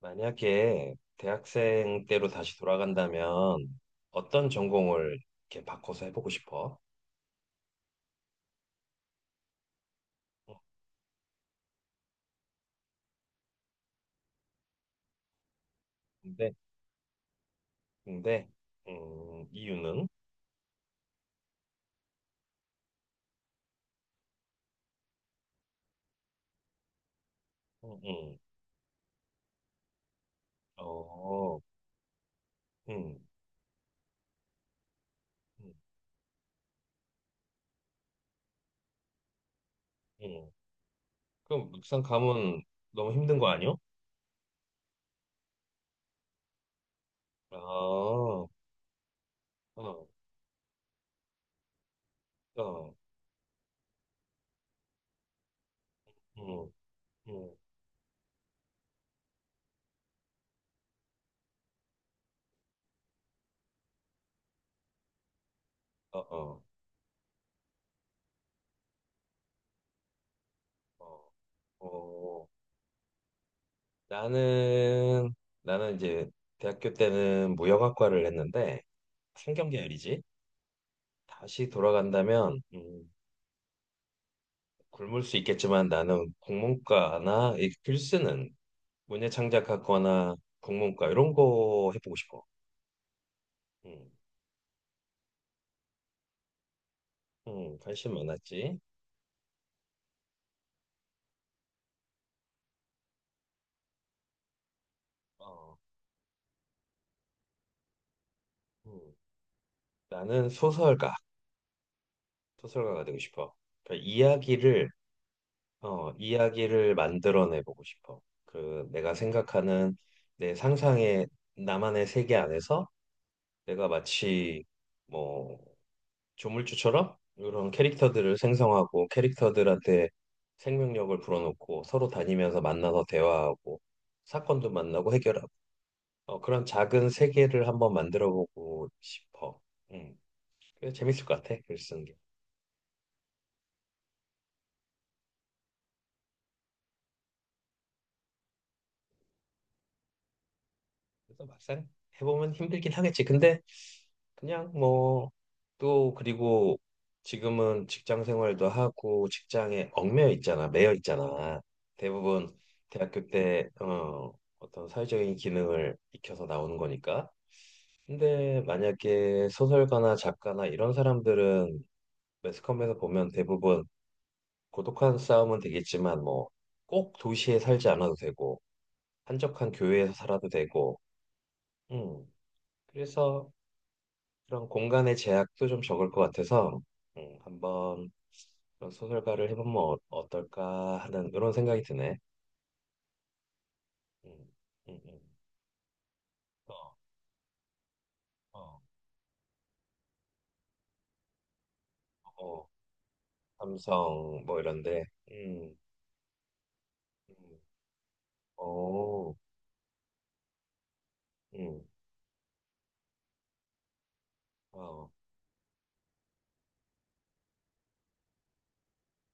만약에 대학생 때로 다시 돌아간다면 어떤 전공을 이렇게 바꿔서 해보고 싶어? 어. 근데, 근데, 이유는? 음. 음. 어. 음. 음. 음. 그럼 막상 가면 너무 힘든 거 아니야? 아, 어. 어. 어. 음. 음. 어. 어. 어. 어. 나는, 나는 이제 대학교 때는 무역학과를 했는데, 상경계열이지? 다시 돌아간다면 굶을 수 있겠지만 나는 국문과나 이 글쓰는 문예 창작학과나 국문과 이런 거 해보고 싶어. 음, 음. 관심 많았지. 어. 음. 나는 소설가, 소설가가 되고 싶어. 그러니까 이야기를 이야기를 만들어내보고 싶어. 그 내가 생각하는 내 상상의 나만의 세계 안에서 내가 마치 뭐 조물주처럼 이런 캐릭터들을 생성하고 캐릭터들한테 생명력을 불어넣고 서로 다니면서 만나서 대화하고 사건도 만나고 해결하고, 어, 그런 작은 세계를 한번 만들어보고 싶어. 음, 그래서 재밌을 것 같아. 글 쓰는 게. 그래서 막상 해보면 힘들긴 하겠지. 근데 그냥 뭐 또 그리고 지금은 직장 생활도 하고 직장에 매여 있잖아. 대부분 대학교 때 어떤 사회적인 기능을 익혀서 나오는 거니까. 근데 만약에 소설가나 작가나 이런 사람들은 매스컴에서 보면 대부분 고독한 싸움은 되겠지만 뭐 꼭 도시에 살지 않아도 되고 한적한 교외에서 살아도 되고. 음. 그래서 그런 공간의 제약도 좀 적을 것 같아서 한번 그런 소설가를 해보면 어떨까 하는 이런 생각이 드네. 음. 음. 음. 어. 어. 어. 삼성 뭐 이런데, 음. 음. 어. 음. 어.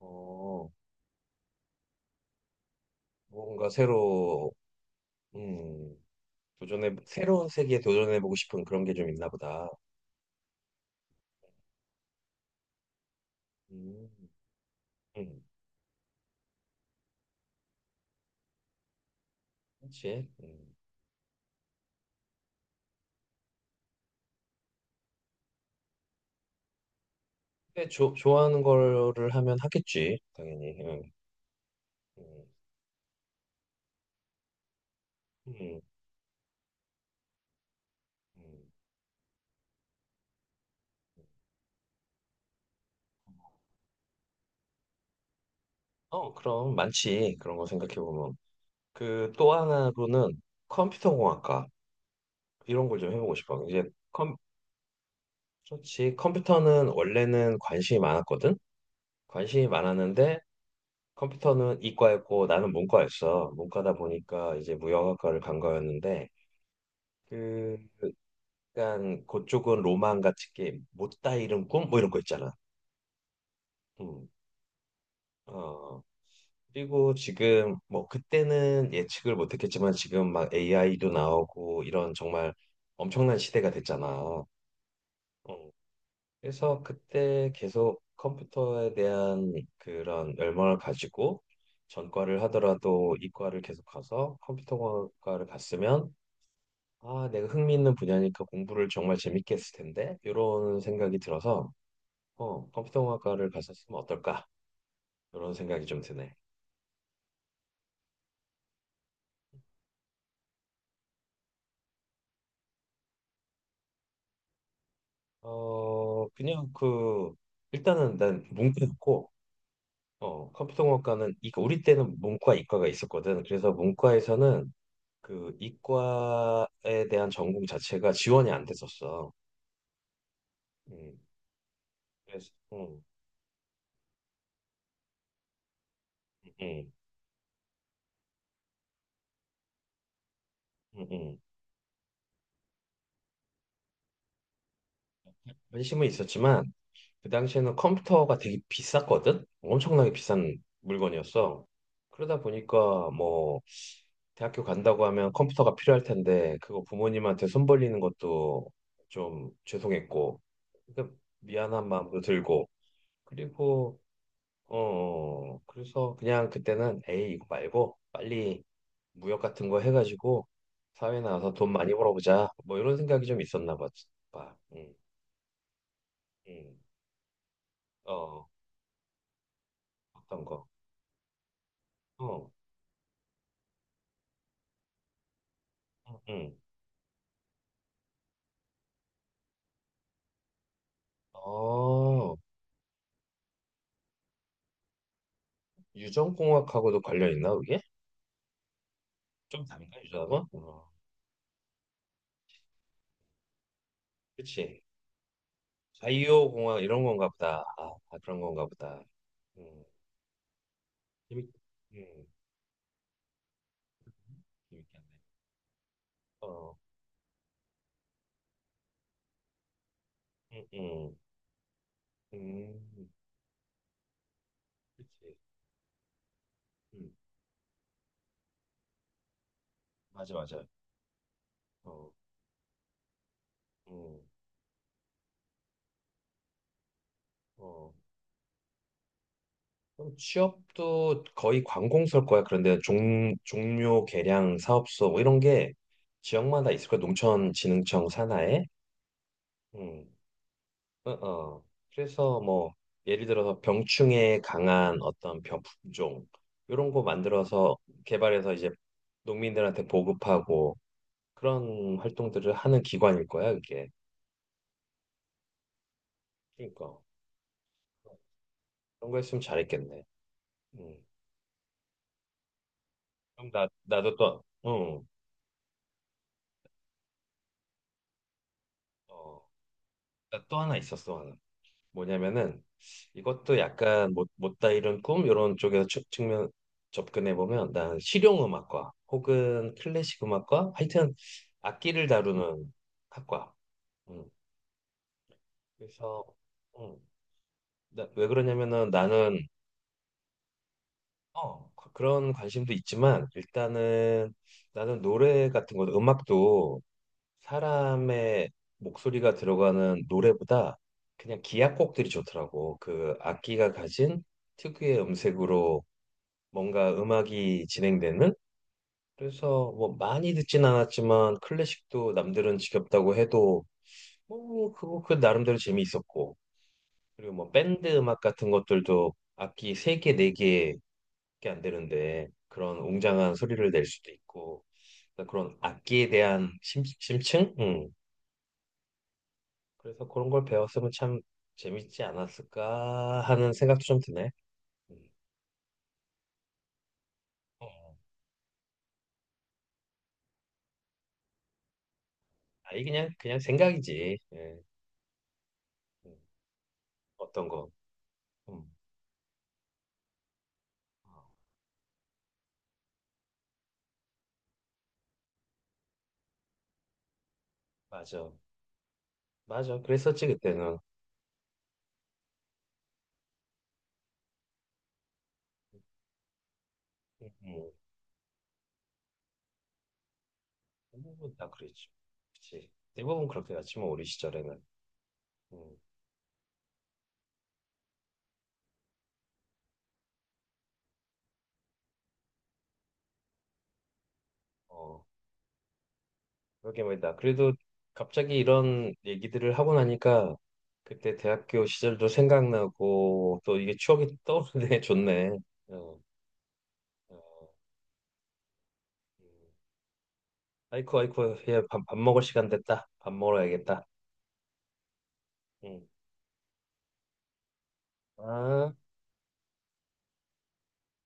어. 뭔가 새로, 음, 도전해 새로운 세계에 도전해보고 싶은 그런 게 좀 있나 보다. 음. 음. 그렇지. 음. 근데 좋아하는 거를 하면 하겠지, 당연히. 음. 음. 음. 음. 어, 그럼 많지. 그런 거 생각해 보면. 그 또 하나로는 컴퓨터공학과 이런 걸 좀 해보고 싶어. 이제 컴, 그렇지. 컴퓨터는 원래는 관심이 많았거든. 관심이 많았는데 컴퓨터는 이과였고 나는 문과였어. 문과다 보니까 이제 무역학과를 간 거였는데 그 약간 그쪽은 로망 같이 게 못다 이룬 꿈 뭐 이런 거 있잖아. 음. 어, 그리고 지금 뭐 그때는 예측을 못했겠지만 지금 막 AI도 나오고 이런 정말 엄청난 시대가 됐잖아. 어. 그래서 그때 계속 컴퓨터에 대한 그런 열망을 가지고 전과를 하더라도 이과를 계속 가서 컴퓨터과를 갔으면 아 내가 흥미 있는 분야니까 공부를 정말 재밌게 했을 텐데 이런 생각이 들어서 어 컴퓨터공학과를 갔었으면 어떨까 이런 생각이 좀 드네. 어, 그냥 그, 일단은 난 문과였고, 어, 컴퓨터공학과는, 이거 우리 때는 문과, 이과가 있었거든. 그래서 문과에서는 그 이과에 대한 전공 자체가 지원이 안 됐었어. 음. 그래서, 음, 음. 음. 음. 관심은 있었지만 그 당시에는 컴퓨터가 되게 비쌌거든? 엄청나게 비싼 물건이었어. 그러다 보니까 뭐 대학교 간다고 하면 컴퓨터가 필요할 텐데 그거 부모님한테 손 벌리는 것도 좀 죄송했고 그러니까 미안한 마음도 들고 그리고 어, 그래서 그냥 그때는 에이 이거 말고 빨리 무역 같은 거 해가지고 사회 나와서 돈 많이 벌어보자 뭐 이런 생각이 좀 있었나 봐. 봐. 응. 응. 어. 어떤 거? 어. 응. 응. 어, 유전공학하고도 관련 있나 그게? 좀 다른가 유전학 어, 그치. 바이오공학 이런 건가 보다. 아, 아, 그런 건가 보다. 음. 재밌, 음, 재밌겠네. 어. 응. 응. 음. 그치. 음. 맞아, 맞아. 어. 음. 어. 그럼 취업도 거의 관공서일 거야. 그런데 종묘 계량 사업소 뭐 이런 게 지역마다 있을 거야. 농촌진흥청 산하에. 음. 어. 어. 그래서 뭐 예를 들어서 병충해에 강한 어떤 병 품종 이런 거 만들어서 개발해서 이제 농민들한테 보급하고 그런 활동들을 하는 기관일 거야, 그게. 그러니까 어, 그런 거 했으면 잘했겠네. 음. 그럼 나 나도 또 어, 어, 나 또 하나 있었어, 하나. 뭐냐면은 이것도 약간 못, 못다 이룬 꿈 이런 쪽에서 면 접근해 보면 난 실용 음악과 혹은 클래식 음악과 하여튼 악기를 다루는 학과. 음. 그래서 음. 나, 왜 그러냐면은 나는 어, 그런 관심도 있지만 일단은 나는 노래 같은 거 음악도 사람의 목소리가 들어가는 노래보다 그냥 기악곡들이 좋더라고. 그 악기가 가진 특유의 음색으로 뭔가 음악이 진행되는? 그래서 뭐 많이 듣진 않았지만 클래식도 남들은 지겹다고 해도 뭐 그거 그 나름대로 재미있었고 그리고 뭐 밴드 음악 같은 것들도 악기 세 개 네개밖에안 되는데 그런 웅장한 소리를 낼 수도 있고 그러니까 그런 악기에 대한 심층? 음. 그래서 그런 걸 배웠으면 참 재밌지 않았을까 하는 생각도 좀 드네. 음. 어. 아이 그냥 그냥 생각이지. 예. 음. 어떤 거. 음. 맞아. 맞아. 그랬었지, 그때는. 음. 음. 대부분 다 그랬지. 그치. 대부분 그렇게 갔지, 뭐, 우리 시절에는. 음. 어. 그러게 말이다. 그래도 갑자기 이런 얘기들을 하고 나니까 그때 대학교 시절도 생각나고 또 이게 추억이 떠오르네. 좋네. 어. 어. 음. 아이쿠, 아이쿠. 예, 밥, 밥 먹을 시간 됐다. 밥 먹으러 야겠다. 음. 아.